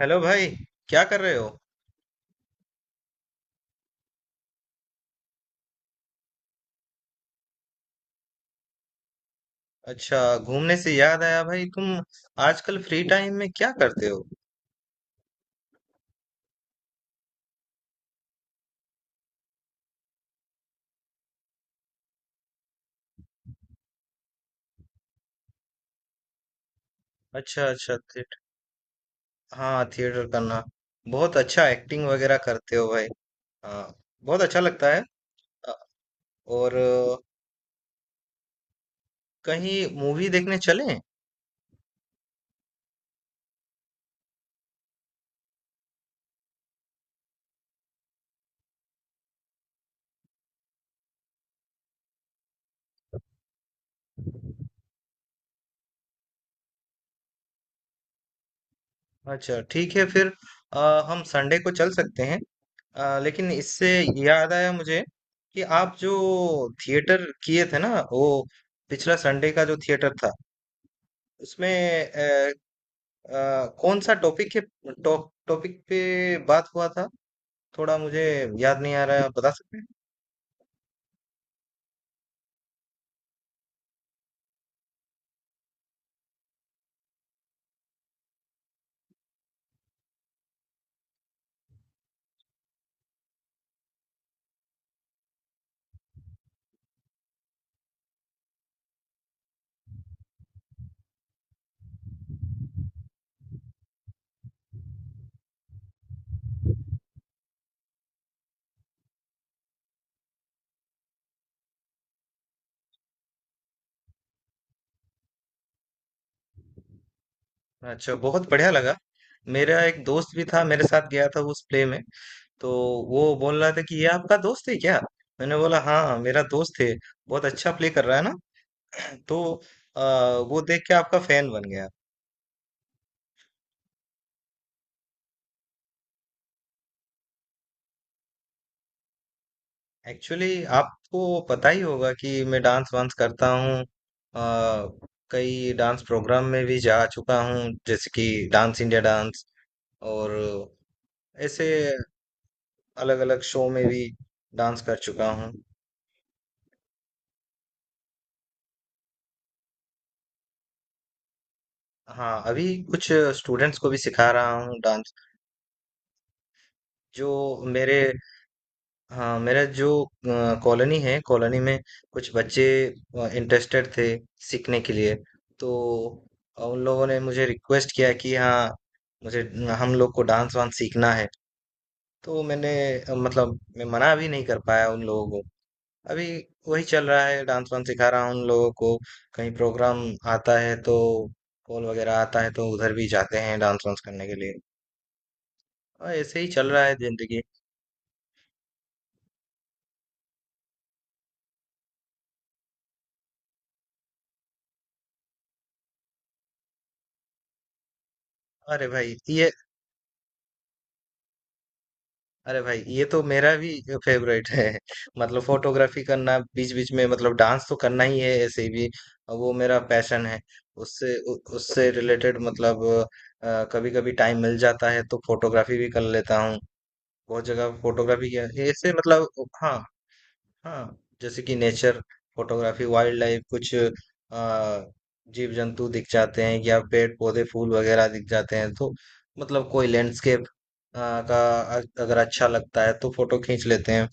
Hello भाई। क्या कर रहे हो। अच्छा, घूमने से याद आया, भाई तुम आजकल फ्री टाइम में क्या करते हो। अच्छा अच्छा, थिएटर। हाँ, थिएटर करना। बहुत अच्छा, एक्टिंग वगैरह करते हो भाई। हाँ, बहुत अच्छा लगता है। अ, और अ, कहीं मूवी देखने चलें। अच्छा ठीक है फिर। हम संडे को चल सकते हैं। लेकिन इससे याद आया मुझे कि आप जो थिएटर किए थे ना, वो पिछला संडे का जो थिएटर था उसमें अ, कौन सा टॉपिक है, टॉपिक पे बात हुआ था। थोड़ा मुझे याद नहीं आ रहा है, आप बता सकते हैं। अच्छा, बहुत बढ़िया लगा। मेरा एक दोस्त भी था, मेरे साथ गया था उस प्ले में। तो वो बोल रहा था कि ये आपका दोस्त है क्या। मैंने बोला हाँ हाँ, मेरा दोस्त है, बहुत अच्छा प्ले कर रहा है ना। तो अ, वो देख के आपका फैन बन गया। एक्चुअली आपको पता ही होगा कि मैं डांस वांस करता हूँ। अ, कई डांस प्रोग्राम में भी जा चुका हूँ, जैसे कि डांस इंडिया डांस। और ऐसे अलग अलग शो में भी डांस कर चुका हूँ। हाँ, अभी कुछ स्टूडेंट्स को भी सिखा रहा हूँ डांस। जो मेरे हाँ मेरा जो कॉलोनी है, कॉलोनी में कुछ बच्चे इंटरेस्टेड थे सीखने के लिए। तो उन लोगों ने मुझे रिक्वेस्ट किया कि हाँ मुझे, हम लोग को डांस वांस सीखना है। तो मतलब मैं मना भी नहीं कर पाया उन लोगों को। अभी वही चल रहा है, डांस वांस सिखा रहा हूँ उन लोगों को। कहीं प्रोग्राम आता है तो, कॉल वगैरह आता है तो उधर भी जाते हैं डांस वांस करने के लिए। और ऐसे ही चल रहा है जिंदगी। अरे भाई ये अरे भाई, ये तो मेरा भी फेवरेट है मतलब फोटोग्राफी करना, बीच बीच में। मतलब डांस तो करना ही है ऐसे भी, और वो मेरा पैशन है। उससे रिलेटेड मतलब कभी कभी टाइम मिल जाता है तो फोटोग्राफी भी कर लेता हूँ। बहुत जगह फोटोग्राफी किया ऐसे, मतलब हाँ हाँ, जैसे कि नेचर फोटोग्राफी, वाइल्ड लाइफ। कुछ जीव जंतु दिख जाते हैं, या पेड़ पौधे फूल वगैरह दिख जाते हैं तो मतलब कोई लैंडस्केप का अगर अच्छा लगता है तो फोटो खींच लेते हैं।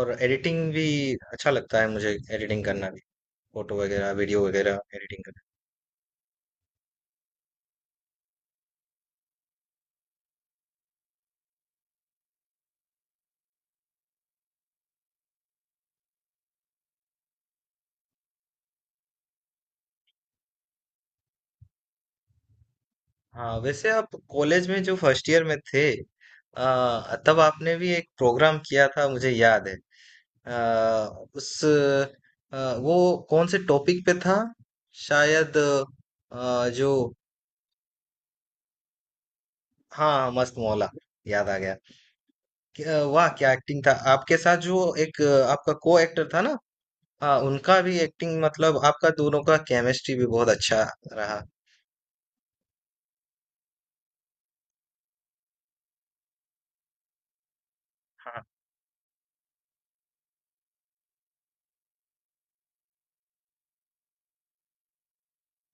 और एडिटिंग भी अच्छा लगता है मुझे, एडिटिंग करना भी, फोटो वगैरह वीडियो वगैरह एडिटिंग करना। हाँ वैसे, आप कॉलेज में जो फर्स्ट ईयर में थे, तब आपने भी एक प्रोग्राम किया था मुझे याद है। अ, उस अ, वो कौन से टॉपिक पे था, शायद अ, जो हाँ हाँ, मस्त मौला, याद आ गया। वाह क्या एक्टिंग था, आपके साथ जो एक आपका को एक्टर था ना, हाँ उनका भी एक्टिंग मतलब आपका दोनों का केमिस्ट्री भी बहुत अच्छा रहा। हाँ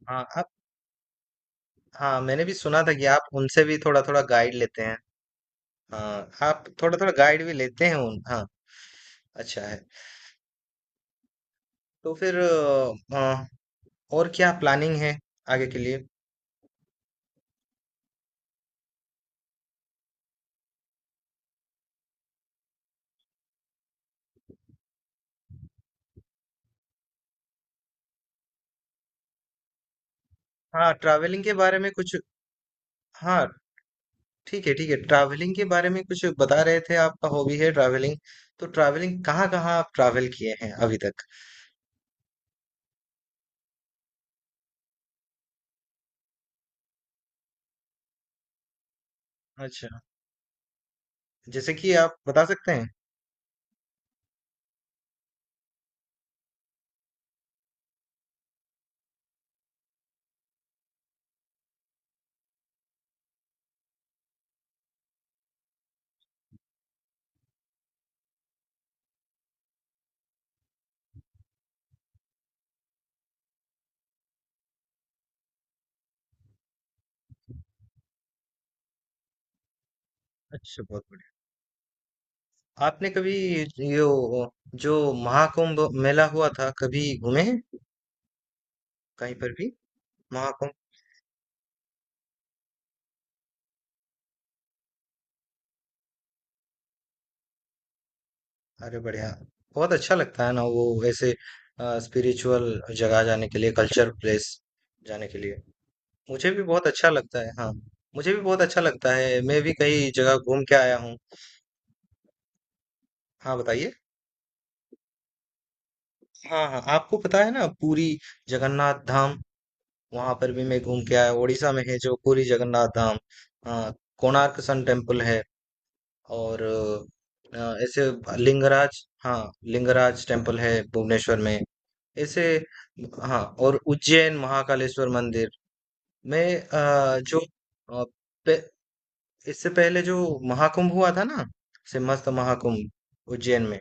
हाँ आप हाँ मैंने भी सुना था कि आप उनसे भी थोड़ा थोड़ा गाइड लेते हैं। हाँ आप थोड़ा थोड़ा गाइड भी लेते हैं उन, हाँ अच्छा है। तो फिर और क्या प्लानिंग है आगे के लिए। हाँ, ट्रैवलिंग के बारे में कुछ। हाँ ठीक है ठीक है, ट्रैवलिंग के बारे में कुछ बता रहे थे, आपका हॉबी है ट्रैवलिंग। तो ट्रैवलिंग कहाँ कहाँ आप ट्रैवल किए हैं अभी तक। अच्छा, जैसे कि आप बता सकते हैं। अच्छा बहुत बढ़िया, आपने कभी ये वो- जो महाकुंभ मेला हुआ था, कभी घूमे हैं, कहीं पर भी महाकुंभ। अरे बढ़िया, बहुत अच्छा लगता है ना वो, ऐसे स्पिरिचुअल जगह जाने के लिए, कल्चर प्लेस जाने के लिए, मुझे भी बहुत अच्छा लगता है। हाँ, मुझे भी बहुत अच्छा लगता है, मैं भी कई जगह घूम के आया हूँ। हाँ बताइए। हाँ हाँ, आपको पता है ना पुरी जगन्नाथ धाम, वहां पर भी मैं घूम के आया। उड़ीसा में है जो पुरी जगन्नाथ धाम। हाँ, कोणार्क सन टेम्पल है। और अ, ऐसे लिंगराज, हाँ लिंगराज टेम्पल है भुवनेश्वर में, ऐसे हाँ। और उज्जैन महाकालेश्वर मंदिर, मैं अ, जो इससे पहले जो महाकुंभ हुआ था ना, सिम्हस्थ महाकुंभ उज्जैन में,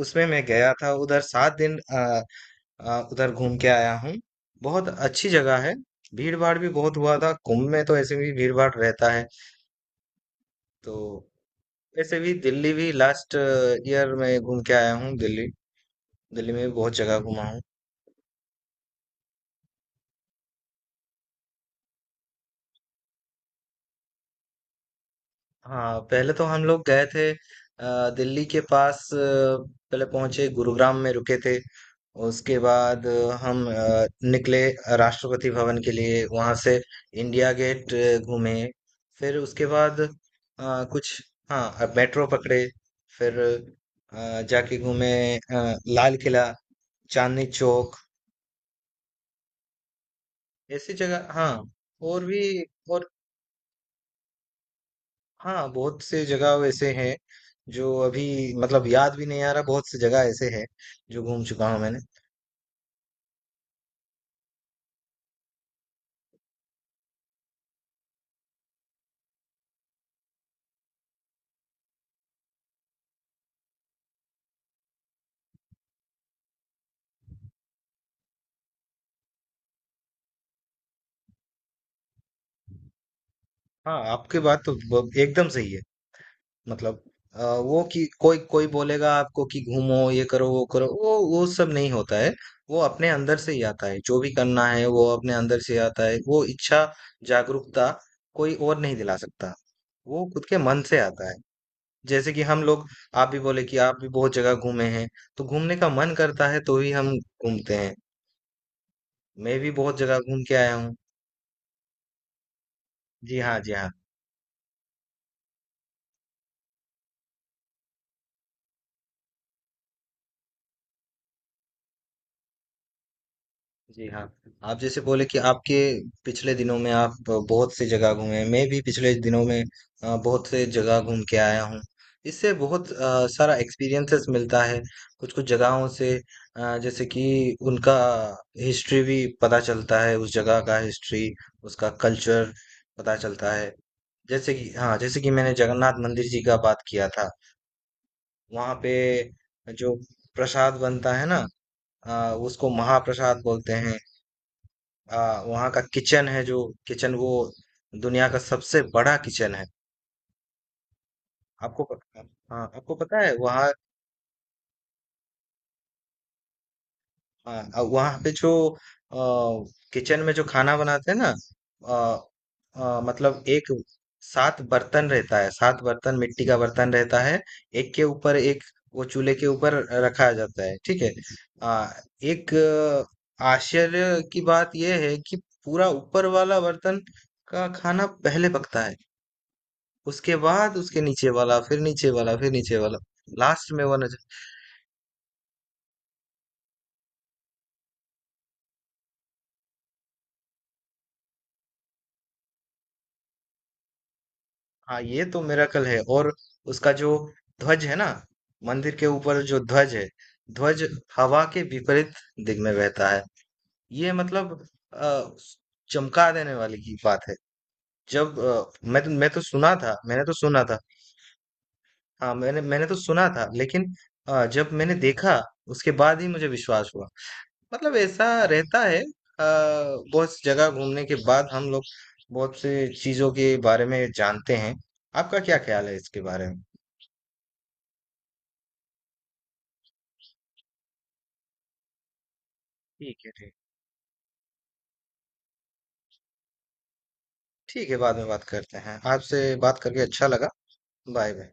उसमें मैं गया था उधर सात दिन। उधर घूम के आया हूँ। बहुत अच्छी जगह है, भीड़ भाड़ भी बहुत हुआ था कुंभ में, तो ऐसे भी भीड़ भाड़ रहता है। तो ऐसे भी, दिल्ली भी लास्ट ईयर में घूम के आया हूँ, दिल्ली। दिल्ली में भी बहुत जगह घूमा हूँ। हाँ पहले तो हम लोग गए थे दिल्ली के पास, पहले पहुंचे गुरुग्राम में, रुके थे। उसके बाद निकले राष्ट्रपति भवन के लिए। वहां से इंडिया गेट घूमे। फिर उसके बाद कुछ मेट्रो पकड़े। फिर जाके घूमे लाल किला, चांदनी चौक, ऐसी जगह हाँ। और भी, और हाँ बहुत से जगह वैसे हैं जो अभी मतलब याद भी नहीं आ रहा, बहुत सी जगह ऐसे हैं जो घूम चुका हूँ मैंने। हाँ आपकी बात तो एकदम सही है। मतलब अ, वो कि कोई कोई बोलेगा आपको कि घूमो ये करो वो करो, वो सब नहीं होता है। वो अपने अंदर से ही आता है, जो भी करना है वो अपने अंदर से आता है, वो इच्छा जागरूकता कोई और नहीं दिला सकता, वो खुद के मन से आता है। जैसे कि हम लोग, आप भी बोले कि आप भी बहुत जगह घूमे हैं, तो घूमने का मन करता है तो ही हम घूमते हैं। मैं भी बहुत जगह घूम के आया हूँ। जी हाँ जी हाँ जी हाँ। आप जैसे बोले कि आपके पिछले दिनों में आप बहुत से जगह घूमे हैं, मैं भी पिछले दिनों में बहुत से जगह घूम के आया हूँ। इससे बहुत सारा एक्सपीरियंसेस मिलता है, कुछ कुछ जगहों से। जैसे कि उनका हिस्ट्री भी पता चलता है, उस जगह का हिस्ट्री, उसका कल्चर पता चलता है। जैसे कि हाँ, जैसे कि मैंने जगन्नाथ मंदिर जी का बात किया था, वहाँ पे जो प्रसाद बनता है ना, उसको महाप्रसाद बोलते हैं। वहाँ का किचन है, जो किचन वो दुनिया का सबसे बड़ा किचन है। आपको प- हाँ आपको पता है वहाँ, हाँ, वहाँ पे जो किचन में जो खाना बनाते हैं ना, अ, अ, मतलब एक सात बर्तन रहता है, सात बर्तन मिट्टी का बर्तन रहता है, एक के ऊपर एक वो चूल्हे के ऊपर रखा जाता है, ठीक है। आ, एक आश्चर्य की बात यह है कि पूरा ऊपर वाला बर्तन का खाना पहले पकता है, उसके बाद उसके नीचे वाला, फिर नीचे वाला, फिर नीचे वाला, लास्ट में वो। हाँ ये तो मिरेकल है। और उसका जो ध्वज है ना, मंदिर के ऊपर जो ध्वज है, ध्वज हवा के विपरीत दिग में बहता है। ये मतलब अ, चमका देने वाली की बात है। जब अ, मैं तो सुना था, मैंने तो सुना था, हाँ मैंने मैंने तो सुना था, लेकिन जब मैंने देखा उसके बाद ही मुझे विश्वास हुआ। मतलब ऐसा रहता है। बहुत सी जगह घूमने के बाद हम लोग बहुत सी चीजों के बारे में जानते हैं। आपका क्या ख्याल है इसके बारे में। ठीक है ठीक। ठीक है बाद में बात करते हैं, आपसे बात करके अच्छा लगा। Bye bye.